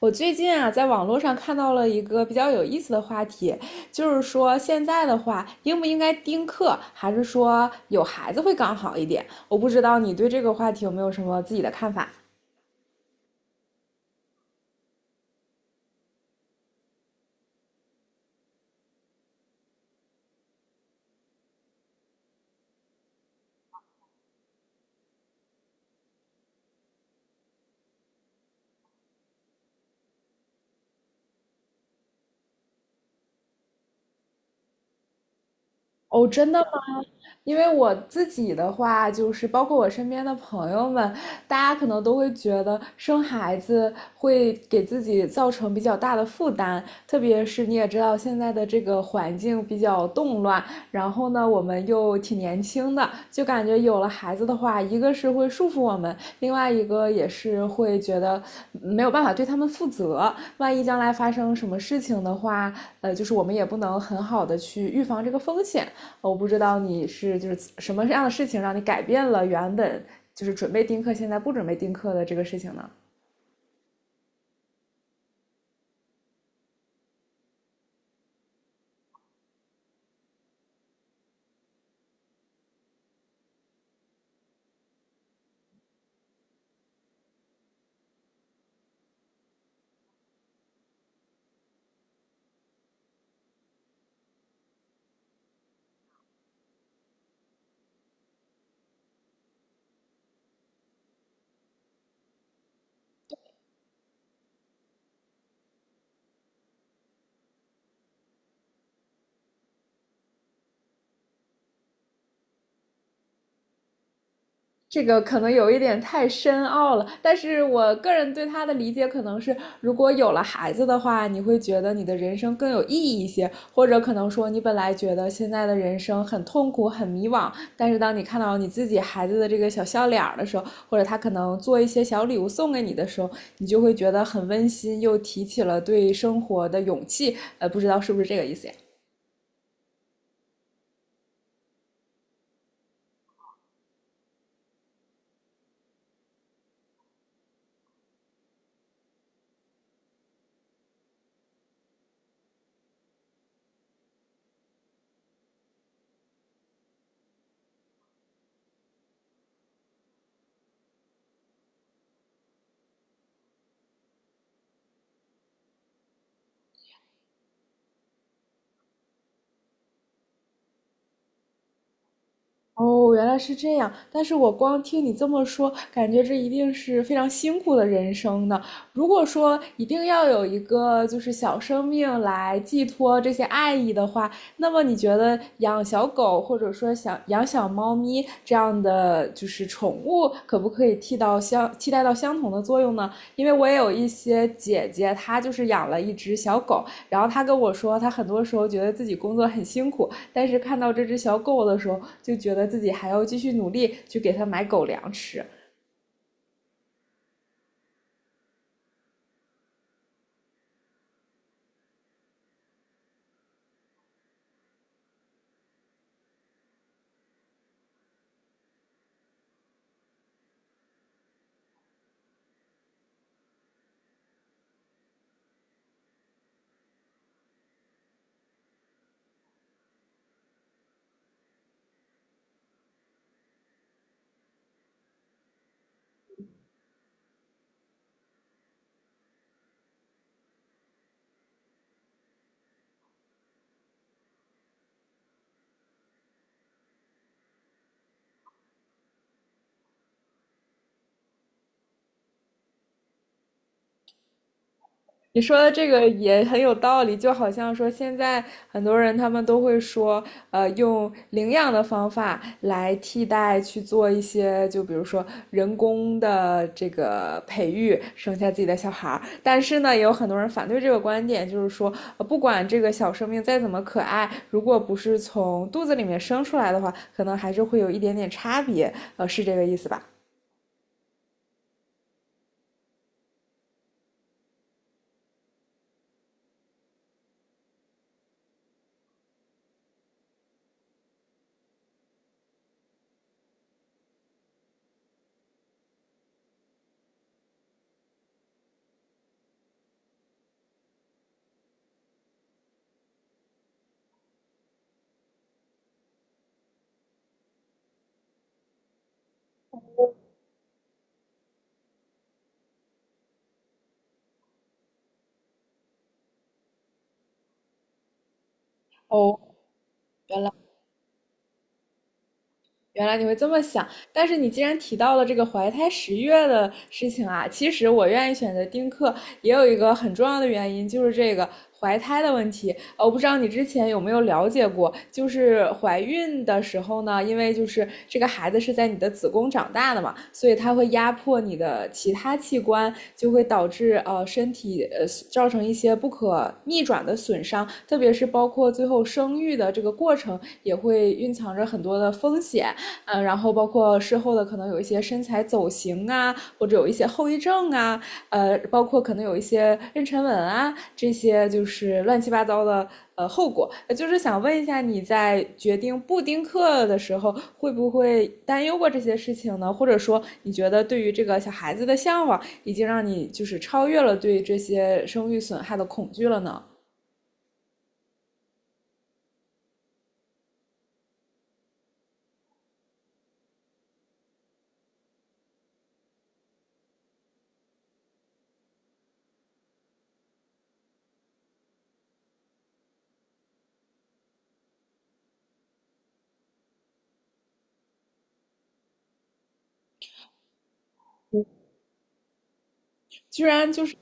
我最近啊，在网络上看到了一个比较有意思的话题，就是说现在的话，应不应该丁克，还是说有孩子会更好一点？我不知道你对这个话题有没有什么自己的看法。哦，真的吗？因为我自己的话，就是包括我身边的朋友们，大家可能都会觉得生孩子会给自己造成比较大的负担，特别是你也知道现在的这个环境比较动乱，然后呢，我们又挺年轻的，就感觉有了孩子的话，一个是会束缚我们，另外一个也是会觉得没有办法对他们负责，万一将来发生什么事情的话，就是我们也不能很好的去预防这个风险。我不知道你是就是什么样的事情让你改变了原本就是准备丁克，现在不准备丁克的这个事情呢？这个可能有一点太深奥了，但是我个人对他的理解可能是，如果有了孩子的话，你会觉得你的人生更有意义一些，或者可能说你本来觉得现在的人生很痛苦、很迷惘，但是当你看到你自己孩子的这个小笑脸的时候，或者他可能做一些小礼物送给你的时候，你就会觉得很温馨，又提起了对生活的勇气。不知道是不是这个意思呀？哦，原来是这样。但是我光听你这么说，感觉这一定是非常辛苦的人生呢。如果说一定要有一个就是小生命来寄托这些爱意的话，那么你觉得养小狗或者说想养小猫咪这样的就是宠物，可不可以替代到相同的作用呢？因为我也有一些姐姐，她就是养了一只小狗，然后她跟我说，她很多时候觉得自己工作很辛苦，但是看到这只小狗的时候，就觉得自己还要继续努力去给它买狗粮吃。你说的这个也很有道理，就好像说现在很多人他们都会说，用领养的方法来替代去做一些，就比如说人工的这个培育，生下自己的小孩儿。但是呢，也有很多人反对这个观点，就是说，不管这个小生命再怎么可爱，如果不是从肚子里面生出来的话，可能还是会有一点点差别。是这个意思吧？哦，原来。原来你会这么想，但是你既然提到了这个怀胎十月的事情啊，其实我愿意选择丁克也有一个很重要的原因，就是这个怀胎的问题。我不知道你之前有没有了解过，就是怀孕的时候呢，因为就是这个孩子是在你的子宫长大的嘛，所以它会压迫你的其他器官，就会导致身体造成一些不可逆转的损伤，特别是包括最后生育的这个过程，也会蕴藏着很多的风险。然后包括事后的可能有一些身材走形啊，或者有一些后遗症啊，包括可能有一些妊娠纹啊，这些就是乱七八糟的后果。就是想问一下，你在决定不丁克的时候，会不会担忧过这些事情呢？或者说，你觉得对于这个小孩子的向往，已经让你就是超越了对这些生育损害的恐惧了呢？居然就是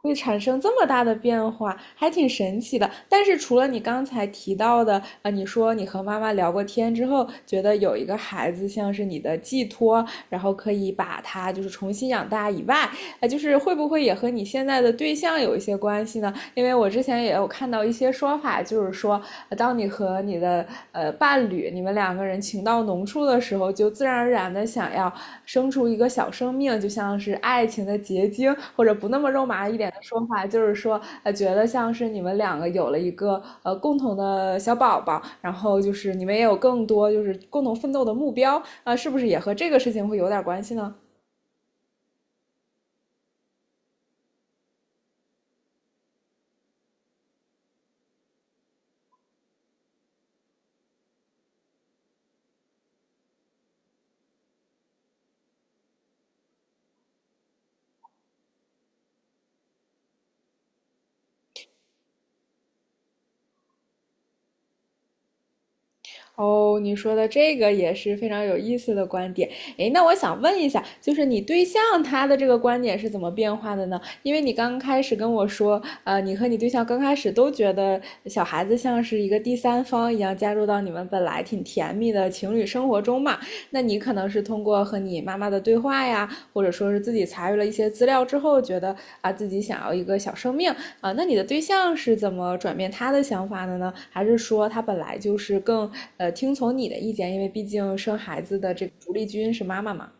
会产生这么大的变化，还挺神奇的。但是除了你刚才提到的，你说你和妈妈聊过天之后，觉得有一个孩子像是你的寄托，然后可以把他就是重新养大以外，就是会不会也和你现在的对象有一些关系呢？因为我之前也有看到一些说法，就是说，当你和你的伴侣，你们两个人情到浓处的时候，就自然而然的想要生出一个小生命，就像是爱情的结晶，或者不那么肉麻一点的说法，就是说，觉得像是你们两个有了一个共同的小宝宝，然后就是你们也有更多就是共同奋斗的目标，啊、是不是也和这个事情会有点关系呢？哦，你说的这个也是非常有意思的观点。诶，那我想问一下，就是你对象他的这个观点是怎么变化的呢？因为你刚开始跟我说，你和你对象刚开始都觉得小孩子像是一个第三方一样加入到你们本来挺甜蜜的情侣生活中嘛。那你可能是通过和你妈妈的对话呀，或者说是自己查阅了一些资料之后，觉得啊自己想要一个小生命，啊，那你的对象是怎么转变他的想法的呢？还是说他本来就是更听从你的意见？因为毕竟生孩子的这个主力军是妈妈嘛。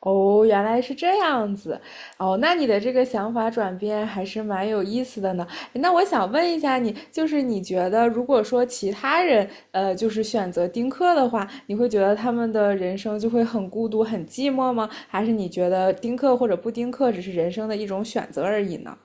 哦，原来是这样子。哦，那你的这个想法转变还是蛮有意思的呢。那我想问一下你，就是你觉得如果说其他人就是选择丁克的话，你会觉得他们的人生就会很孤独、很寂寞吗？还是你觉得丁克或者不丁克只是人生的一种选择而已呢？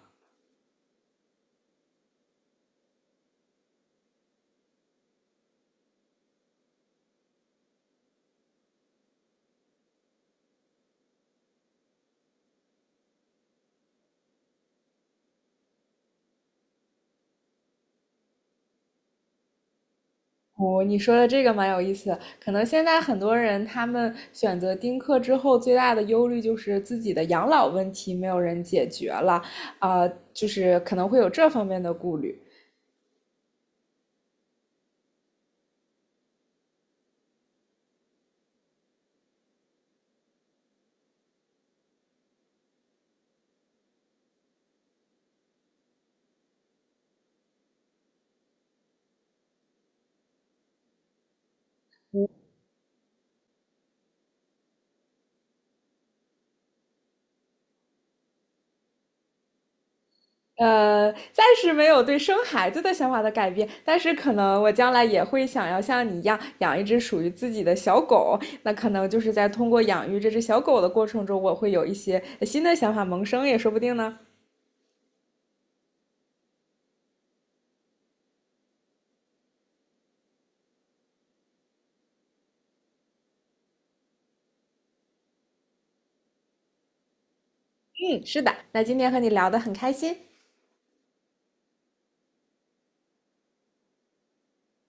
哦，你说的这个蛮有意思的。可能现在很多人他们选择丁克之后，最大的忧虑就是自己的养老问题没有人解决了，啊、就是可能会有这方面的顾虑。暂时没有对生孩子的想法的改变，但是可能我将来也会想要像你一样养一只属于自己的小狗。那可能就是在通过养育这只小狗的过程中，我会有一些新的想法萌生，也说不定呢。嗯，是的。那今天和你聊得很开心。